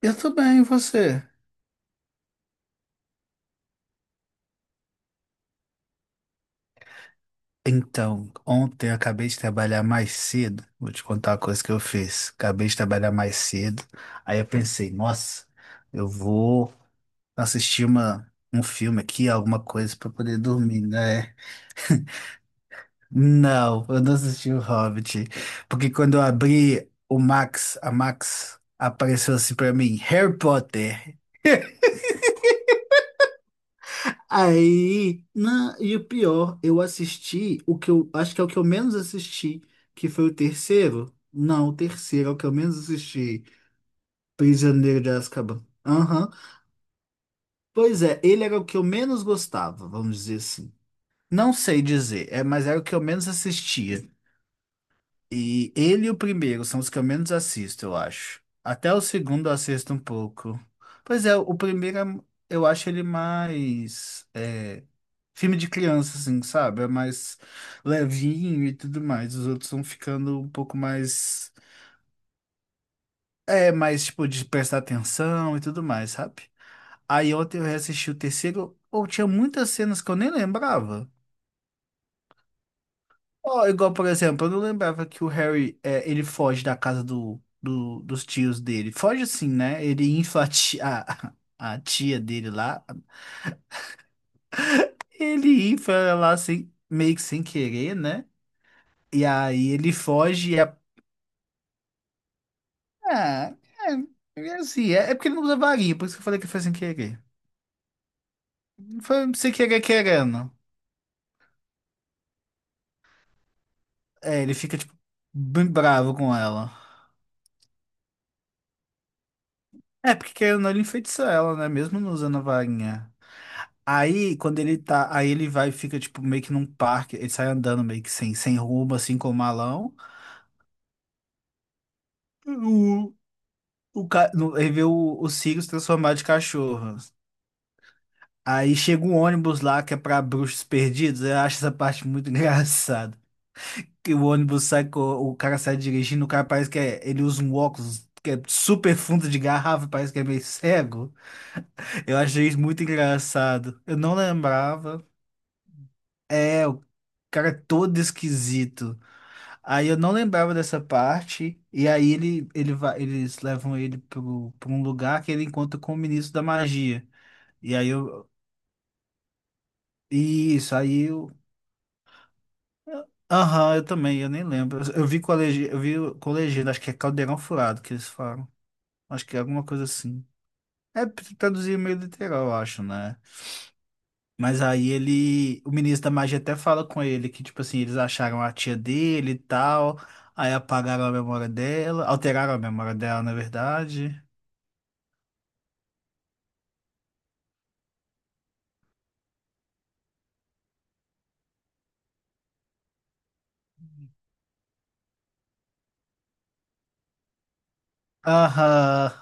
Eu tô bem, e você? Então, ontem eu acabei de trabalhar mais cedo. Vou te contar uma coisa que eu fiz. Acabei de trabalhar mais cedo. Aí eu pensei, nossa, eu vou assistir um filme aqui, alguma coisa pra poder dormir, né? Não, eu não assisti o Hobbit. Porque quando eu abri o Max, a Max apareceu assim pra mim, Harry Potter. Aí, não, e o pior, eu assisti o que eu acho que é o que eu menos assisti, que foi o terceiro. Não, o terceiro é o que eu menos assisti, Prisioneiro de Azkaban. Aham. Pois é, ele era o que eu menos gostava, vamos dizer assim. Não sei dizer, mas era o que eu menos assistia. E ele e o primeiro são os que eu menos assisto, eu acho. Até o segundo eu assisto um pouco. Pois é, eu acho ele mais filme de criança, assim, sabe? É mais levinho e tudo mais. Os outros vão ficando um pouco mais. É, mais tipo de prestar atenção e tudo mais, sabe? Aí ontem eu reassisti o terceiro. Ou tinha muitas cenas que eu nem lembrava. Ó, igual, por exemplo, eu não lembrava que o Harry, ele foge da casa dos tios dele. Foge assim, né? Ele infla a tia dele lá. Ele infla ela lá sem, meio que sem querer, né? E aí ele foge. Ah, é porque ele não usa varinha, por isso que eu falei que foi sem querer. Foi sem querer querendo. É, ele fica, tipo, bem bravo com ela. É, porque querendo ou não, ele enfeitiça ela, né? Mesmo não usando a varinha. Aí, quando ele tá, aí ele vai e fica, tipo, meio que num parque, ele sai andando meio que sem, sem rumo, assim, com malão. O, o, ca- no- Ele vê o Sirius transformado de cachorro. Aí chega um ônibus lá que é pra bruxos perdidos, eu acho essa parte muito engraçada. Que o ônibus sai, co- O cara sai dirigindo, o cara parece que ele usa um óculos que é super fundo de garrafa, parece que é meio cego. Eu achei isso muito engraçado. Eu não lembrava. É, o cara é todo esquisito. Aí eu não lembrava dessa parte. E aí ele vai, eles levam ele pra um lugar que ele encontra com o ministro da magia. E aí eu. Isso, aí eu. Aham, eu também, eu nem lembro. Eu vi com a legenda, eu vi com a legenda, acho que é Caldeirão Furado que eles falam. Acho que é alguma coisa assim. É, traduzir meio literal, eu acho, né? Mas aí ele, o ministro da magia até fala com ele que, tipo assim, eles acharam a tia dele e tal, aí apagaram a memória dela, alteraram a memória dela, na verdade. Aham.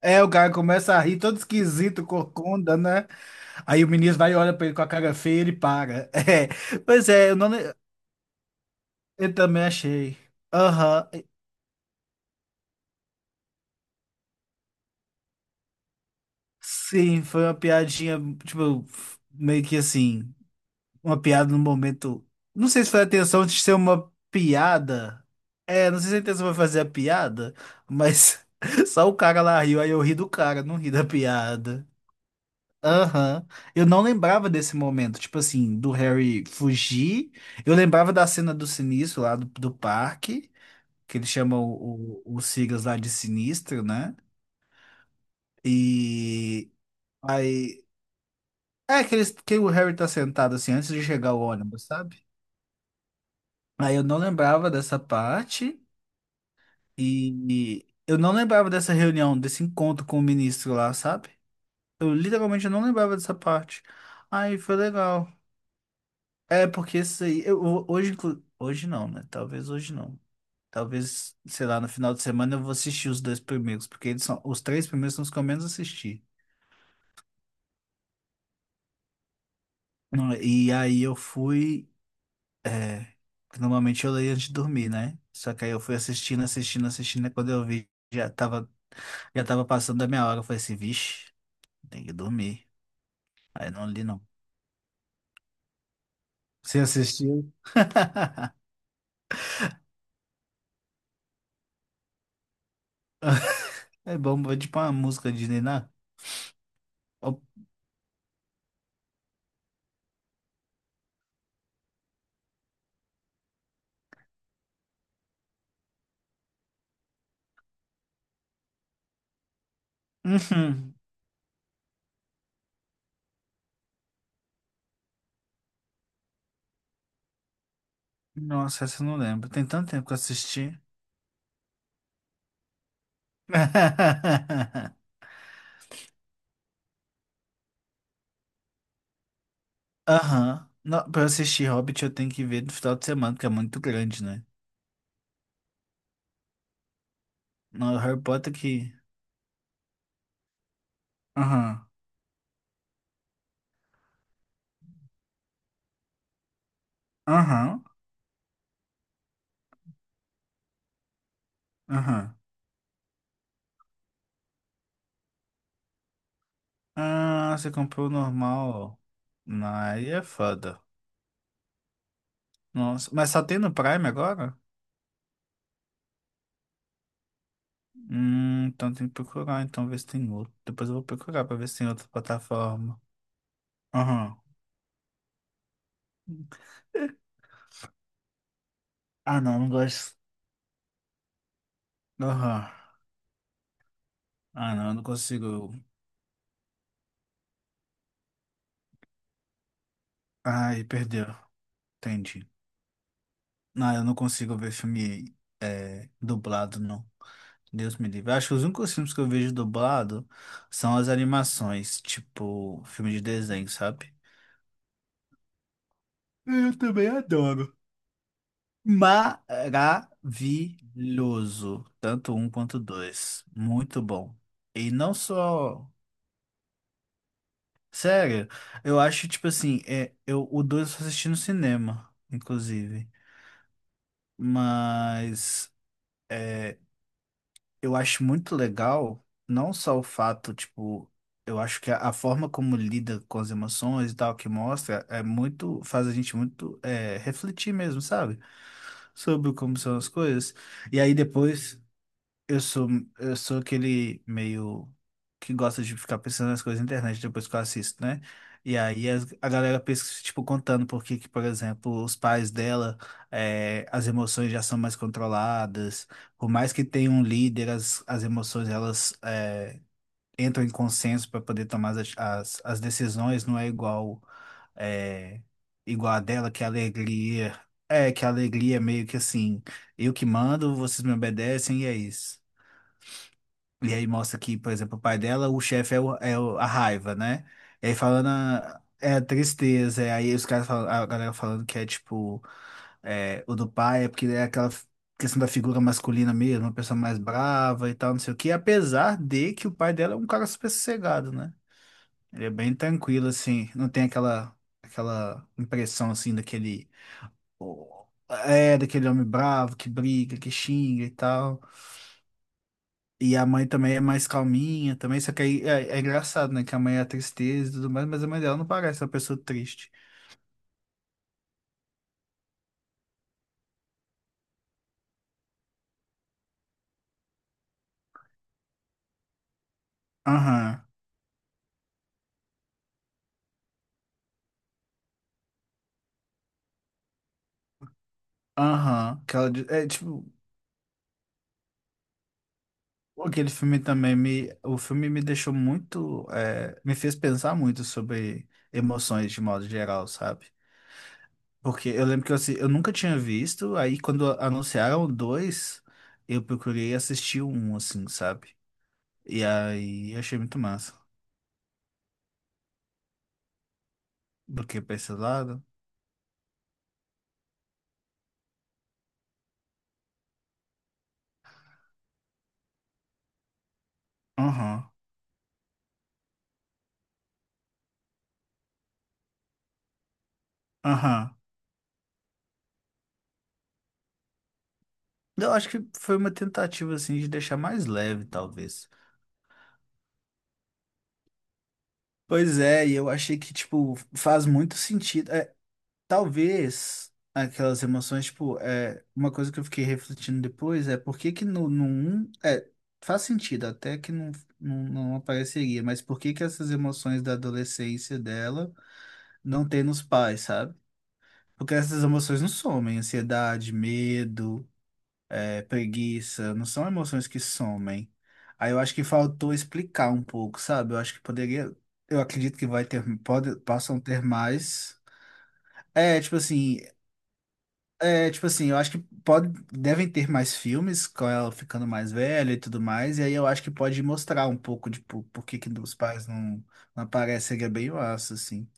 É, o cara começa a rir todo esquisito, corcunda, né? Aí o ministro vai e olha pra ele com a cara feia e ele para. É. Pois é, eu, não, le- eu também achei. Aham. Sim, foi uma piadinha, tipo, meio que assim, uma piada no momento. Não sei se foi a intenção de ser uma piada. É, não sei se a intenção foi fazer a piada, mas só o cara lá riu, aí eu ri do cara, não ri da piada. Aham. Eu não lembrava desse momento, tipo assim, do Harry fugir. Eu lembrava da cena do Sinistro lá do parque, que eles chamam os Sirius lá de Sinistro, né? E aí. É, que, eles, que o Harry tá sentado assim antes de chegar o ônibus, sabe? Aí eu não lembrava dessa parte e eu não lembrava dessa reunião, desse encontro com o ministro lá, sabe? Eu literalmente não lembrava dessa parte. Aí foi legal. É, porque isso aí, hoje, hoje não, né? Talvez hoje não. Talvez, sei lá, no final de semana eu vou assistir os dois primeiros, porque eles são, os três primeiros são os que eu menos assisti. Não, e aí eu fui, é, normalmente eu leio antes de dormir, né? Só que aí eu fui assistindo, assistindo, assistindo, e quando eu vi, já tava. Já tava passando da minha hora, eu falei assim, vixe, tem que dormir. Aí não li, não. Você assistiu? É bom, é tipo uma música de Niná. Oh, uhum. Nossa, essa eu não lembro. Tem tanto tempo que eu assisti. Aham. Não, pra eu assistir Hobbit, eu tenho que ver no final de semana, porque é muito grande, né? Não, Harry Potter que. Aham. Aham. Aham. Ah, você comprou o normal. Não, aí é foda. Nossa, mas só tem no Prime agora? Então tem que procurar, então ver se tem outro. Depois eu vou procurar pra ver se tem outra plataforma. Aham. Ah, não, não gosto. Aham. Ah, não, eu não consigo. Ai, perdeu. Entendi. Não, eu não consigo ver filme dublado, não. Deus me livre. Eu acho que os únicos filmes que eu vejo dublado são as animações, tipo filme de desenho, sabe? Eu também adoro. Maravilhoso. Tanto um quanto dois. Muito bom. E não só. Sério, eu acho, tipo assim, o dois eu só assisti no cinema, inclusive. Mas é, eu acho muito legal, não só o fato, tipo, eu acho que a forma como lida com as emoções e tal, que mostra, é muito, faz a gente muito refletir mesmo, sabe? Sobre como são as coisas. E aí depois. Eu sou, eu sou aquele meio que gosta de ficar pensando nas coisas na internet depois que eu assisto, né? E aí galera pensa, tipo, contando por que, que, por exemplo, os pais dela, as emoções já são mais controladas. Por mais que tenha um líder, as emoções elas, entram em consenso para poder tomar as decisões, não é igual, eh, igual a dela, que a alegria. É, que a alegria é meio que assim, eu que mando, vocês me obedecem e é isso. E aí mostra que, por exemplo, o pai dela, o chefe é a raiva, né? E aí é a tristeza, e aí os caras falam, a galera falando que é tipo, é, o do pai é porque é questão da figura masculina mesmo, uma pessoa mais brava e tal, não sei o quê, apesar de que o pai dela é um cara super sossegado, né? Ele é bem tranquilo, assim, não tem aquela, aquela impressão, assim, daquele, daquele homem bravo que briga, que xinga e tal. E a mãe também é mais calminha, também, só que aí é engraçado, né? Que a mãe é a tristeza e tudo mais, mas a mãe dela não parece uma pessoa triste. Aham, É tipo, aquele filme também me. O filme me deixou muito. Me fez pensar muito sobre emoções de modo geral, sabe? Porque eu lembro que eu nunca tinha visto, aí quando anunciaram o dois, eu procurei assistir o um, assim, sabe? E aí eu achei muito massa. Do que pra esse lado. Aham, aham. Eu acho que foi uma tentativa, assim, de deixar mais leve, talvez. Pois é, e eu achei que, tipo, faz muito sentido. É, talvez aquelas emoções, tipo, uma coisa que eu fiquei refletindo depois é por que que no um faz sentido, até que não apareceria, mas por que que essas emoções da adolescência dela não tem nos pais, sabe? Porque essas emoções não somem, ansiedade, medo, é preguiça, não são emoções que somem. Aí eu acho que faltou explicar um pouco, sabe? Eu acho que poderia, eu acredito que vai ter, pode, possam ter mais. É, tipo assim, é, tipo assim, eu acho que pode, devem ter mais filmes com ela ficando mais velha e tudo mais, e aí eu acho que pode mostrar um pouco de por que que os pais não, não aparecem, seria bem massa, assim.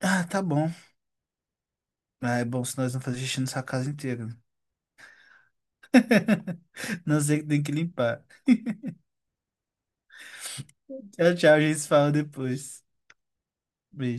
Ah, tá bom. Ah, é bom se nós não fazer xixi nessa casa inteira. Não sei que tem que limpar. Tchau, tchau, a gente se fala depois. Beijo.